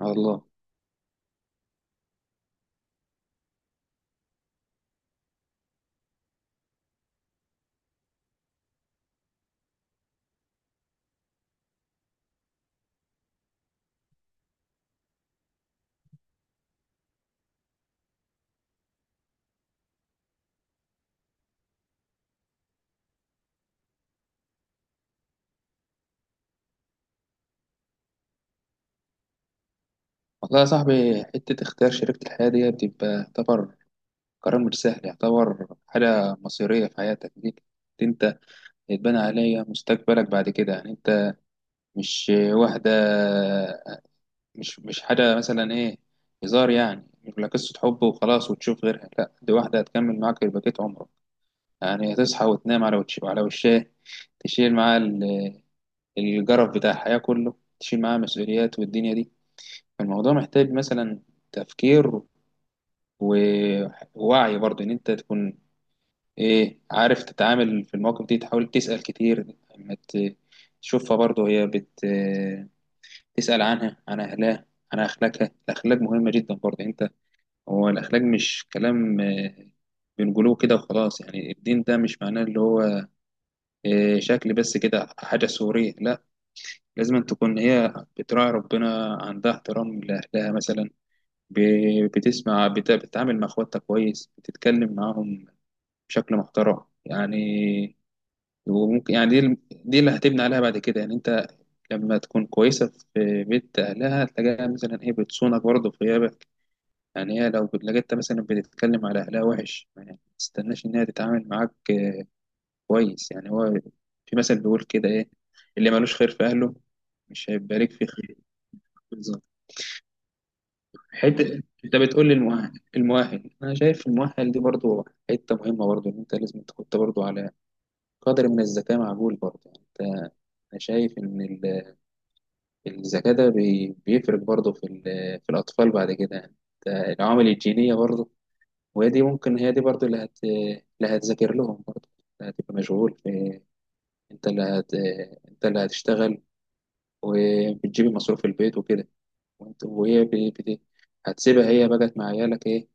على الله. والله يا صاحبي، حتة اختيار شريكة الحياة دي بتبقى يعتبر قرار مش سهل، يعتبر حاجة مصيرية في حياتك دي. انت يتبنى عليها مستقبلك بعد كده، يعني انت مش واحدة، مش حاجة مثلا ايه هزار، يعني مش ولا قصة حب وخلاص وتشوف غيرها، لا دي واحدة هتكمل معاك بقية عمرك. يعني هتصحى وتنام على وش، على وشها، تشيل معاه الجرف بتاع الحياة كله، تشيل معاه مسؤوليات والدنيا دي. فالموضوع محتاج مثلا تفكير و- ووعي برضه ان انت تكون ايه عارف، تتعامل في المواقف دي، تحاول تسأل كتير لما تشوفها برضه، هي تسأل عنها، عن اهلها، عن اخلاقها. الاخلاق مهمة جدا برضه انت، هو الاخلاق مش كلام بنقوله كده وخلاص، يعني الدين ده مش معناه اللي هو شكل بس كده، حاجة صورية، لا لازم أن تكون هي بتراعي ربنا، عندها احترام لأهلها مثلا، بتسمع، بتتعامل مع اخواتها كويس، بتتكلم معاهم بشكل محترم يعني. وممكن يعني دي اللي هتبني عليها بعد كده، يعني انت لما تكون كويسه في بيت اهلها هتلاقيها مثلا هي بتصونك برضه في غيابك. يعني هي لو لقيتها مثلا بتتكلم على اهلها وحش، يعني ما تستناش ان هي تتعامل معاك كويس. يعني هو في مثل بيقول كده ايه، اللي ملوش خير في اهله مش هيبقى ليك فيه خير. بالظبط. حته انت بتقول لي المؤهل انا شايف المؤهل دي برضه حته مهمه، برضه ان انت لازم تحط برضه على قدر من الذكاء معقول، برضه يعني انت انا شايف ان الذكاء ده بيفرق برضه في في الاطفال بعد كده، يعني انت العوامل الجينيه برضه. وهي دي ممكن، هي دي برضه اللي هتذاكر لهم برضه، اللي هتبقى مشغول في، انت اللي هت انت اللي هتشتغل وبتجيب مصروف البيت وكده، وانت وهي هتسيبها هي بقت مع عيالك ايه،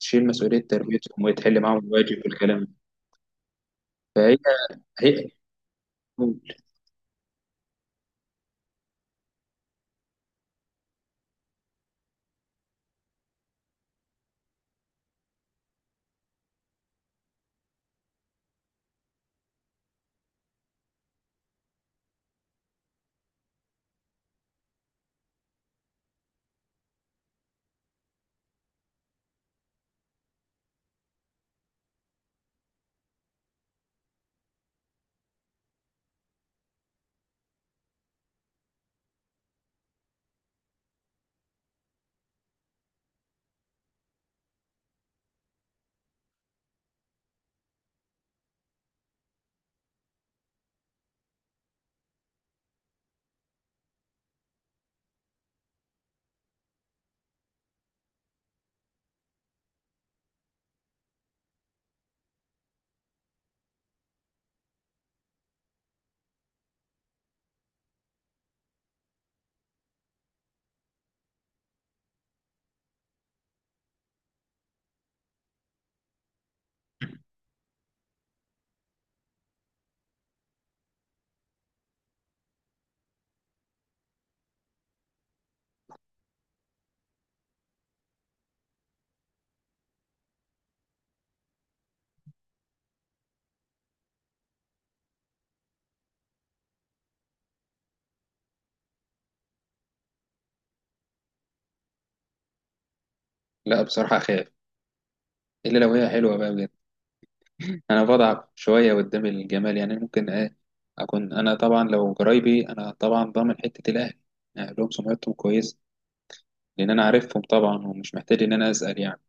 تشيل مسؤوليه تربيتهم وتحل معاهم الواجب والكلام ده. فهي هي لا بصراحه اخاف، الا لو هي حلوه بقى بجد. انا بضعف شويه قدام الجمال، يعني ممكن ايه اكون انا طبعا، لو قرايبي انا طبعا ضامن حته الاهل، يعني لهم سمعتهم كويس، لان انا عارفهم طبعا ومش محتاج ان انا اسال يعني.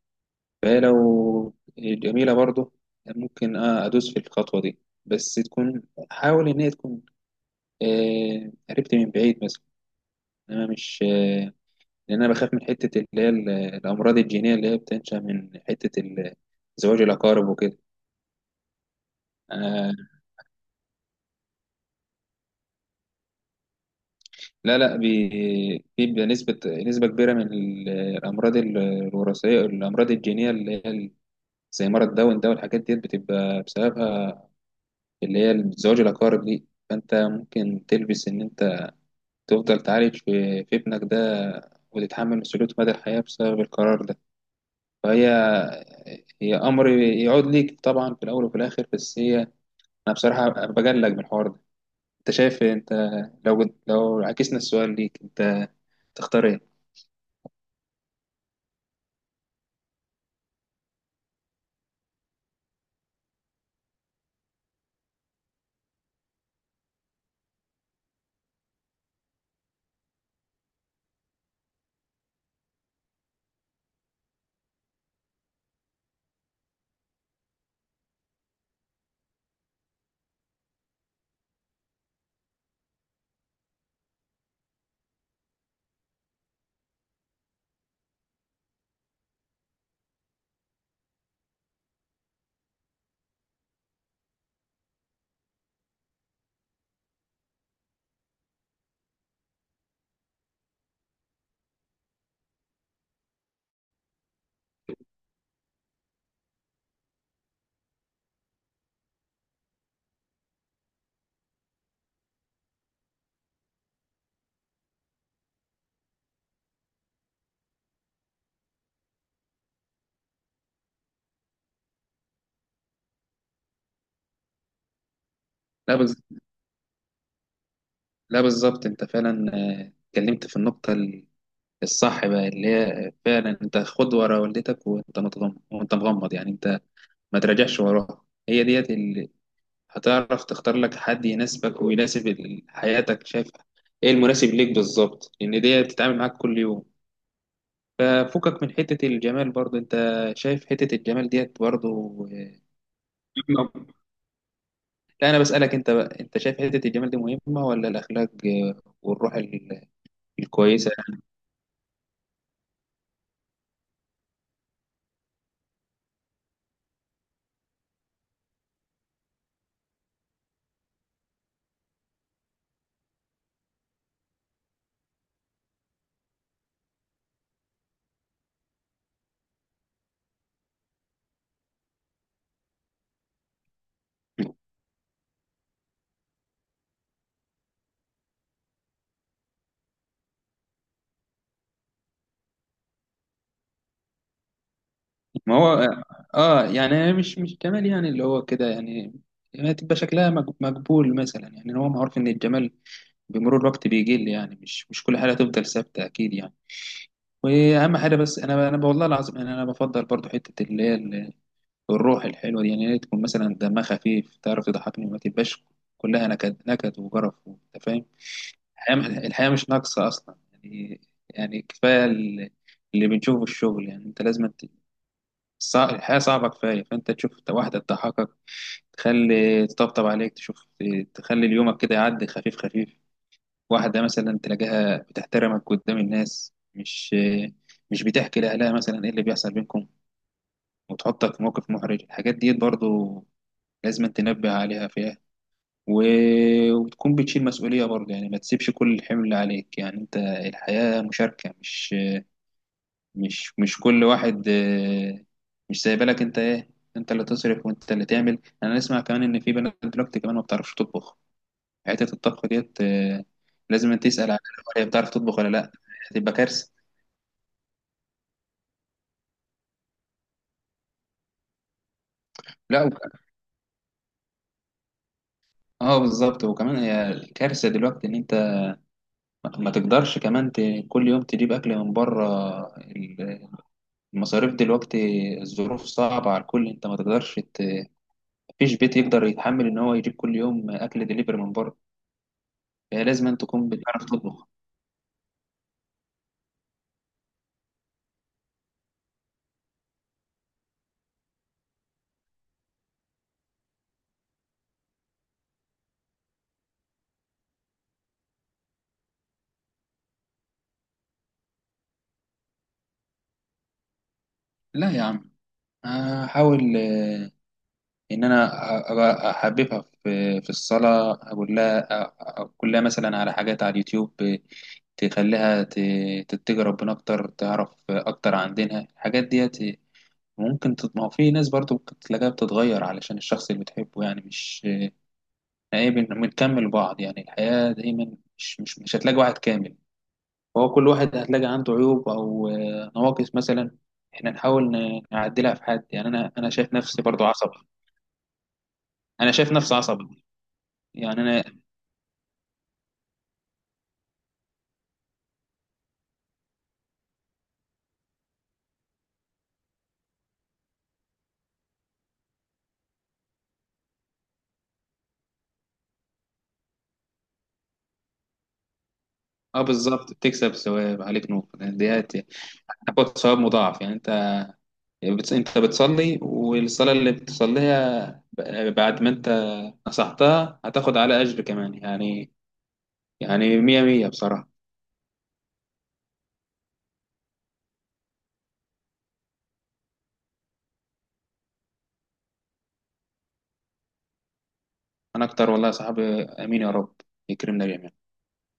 فهي لو جميله برضه ممكن ادوس في الخطوه دي، بس تكون، حاول ان هي تكون قربت من بعيد مثلا. انا مش لان انا بخاف من حته اللي هي الامراض الجينيه اللي هي بتنشا من حته زواج الاقارب وكده. لا لا، بيبقى نسبة، كبيرة من الأمراض الوراثية، الأمراض الجينية اللي هي زي مرض داون ده، والحاجات ديت بتبقى بسببها، اللي هي زواج الأقارب دي. فأنت ممكن تلبس إن أنت تفضل تعالج في ابنك ده، وتتحمل مسؤولية مدى الحياة بسبب القرار ده. فهي أمر يعود ليك طبعا في الأول وفي الآخر، بس هي، أنا بصراحة بجلج من الحوار ده. أنت شايف إيه؟ أنت لو عكسنا السؤال ليك، أنت تختار إيه؟ لا بس، لا بالظبط انت فعلا اتكلمت في النقطة الصح بقى، اللي هي فعلا انت خد ورا والدتك وانت متغمض، وانت مغمض يعني انت ما تراجعش وراها. هي ديت اللي هتعرف تختار لك حد يناسبك ويناسب حياتك، شايف ايه المناسب ليك بالظبط، لان ديت بتتعامل معاك كل يوم. ففكك من حتة الجمال برضه انت، شايف حتة الجمال ديت برضه مهمة. لا انا بسألك انت بقى، انت شايف حتة الجمال دي مهمة ولا الاخلاق والروح الكويسة؟ ما هو اه، يعني أنا مش جمال يعني اللي هو كده يعني، يعني تبقى شكلها مقبول مثلا. يعني هو معروف ان الجمال بمرور الوقت بيقل، يعني مش، كل حاجه تفضل ثابته اكيد يعني. واهم حاجه، بس انا، والله العظيم انا بفضل برضو حته اللي هي الروح الحلوه دي. يعني هي تكون مثلا دمها خفيف، تعرف تضحكني، ما تبقاش كلها نكد نكد وجرف انت فاهم. الحياه مش ناقصه اصلا يعني. يعني كفايه اللي بنشوفه في الشغل، يعني انت لازم، الحياة صعبة كفاية، فأنت تشوف واحدة تضحكك، تخلي تطبطب عليك، تشوف تخلي اليومك كده يعدي خفيف خفيف. واحدة مثلا تلاقيها بتحترمك قدام الناس، مش بتحكي لأهلها مثلا إيه اللي بيحصل بينكم، وتحطك في موقف محرج. الحاجات دي برضو لازم تنبه عليها فيها، و... وتكون بتشيل مسؤولية برضو، يعني ما تسيبش كل الحمل عليك، يعني أنت الحياة مشاركة، مش مش كل واحد مش سايبالك انت ايه، انت اللي تصرف وانت اللي تعمل. انا اسمع كمان ان في بنات دلوقتي كمان ما بتعرفش تطبخ، حته الطبخ ديت لازم انت تسال عليها هي بتعرف تطبخ ولا لا، هتبقى كارثه. لا. اه بالظبط. وكمان هي كارثه دلوقتي ان انت ما تقدرش كمان كل يوم تجيب اكل من بره. ال- المصاريف دلوقتي، الظروف صعبه على الكل، انت ما تقدرش مفيش بيت يقدر يتحمل ان هو يجيب كل يوم اكل دليفري من بره. فهي لازم أن تكون بتعرف تطبخ. لا يا عم، هحاول ان انا أبقى احببها في، في الصلاه، اقول لها، اقول لها مثلا على حاجات على اليوتيوب، تخليها تتجه ربنا اكتر، تعرف اكتر عن دينها، الحاجات ديت ممكن ما هو في ناس برضو ممكن تلاقيها بتتغير علشان الشخص اللي بتحبه، يعني مش عيب ان بنكمل بعض. يعني الحياه دايما مش، مش هتلاقي واحد كامل، فهو كل واحد هتلاقي عنده عيوب او نواقص مثلا، احنا نحاول نعدلها في حد، يعني انا، شايف نفسي برضو عصبي. انا شايف نفسي عصبي يعني انا. اه بالظبط، بتكسب ثواب عليك نور، يعني ديت هتاخد ثواب مضاعف يعني انت، انت بتصلي، والصلاه اللي بتصليها بعد ما انت نصحتها هتاخد على اجر كمان يعني. يعني مية مية بصراحه. انا اكتر والله يا صاحبي، امين يا رب، يكرمنا جميعا.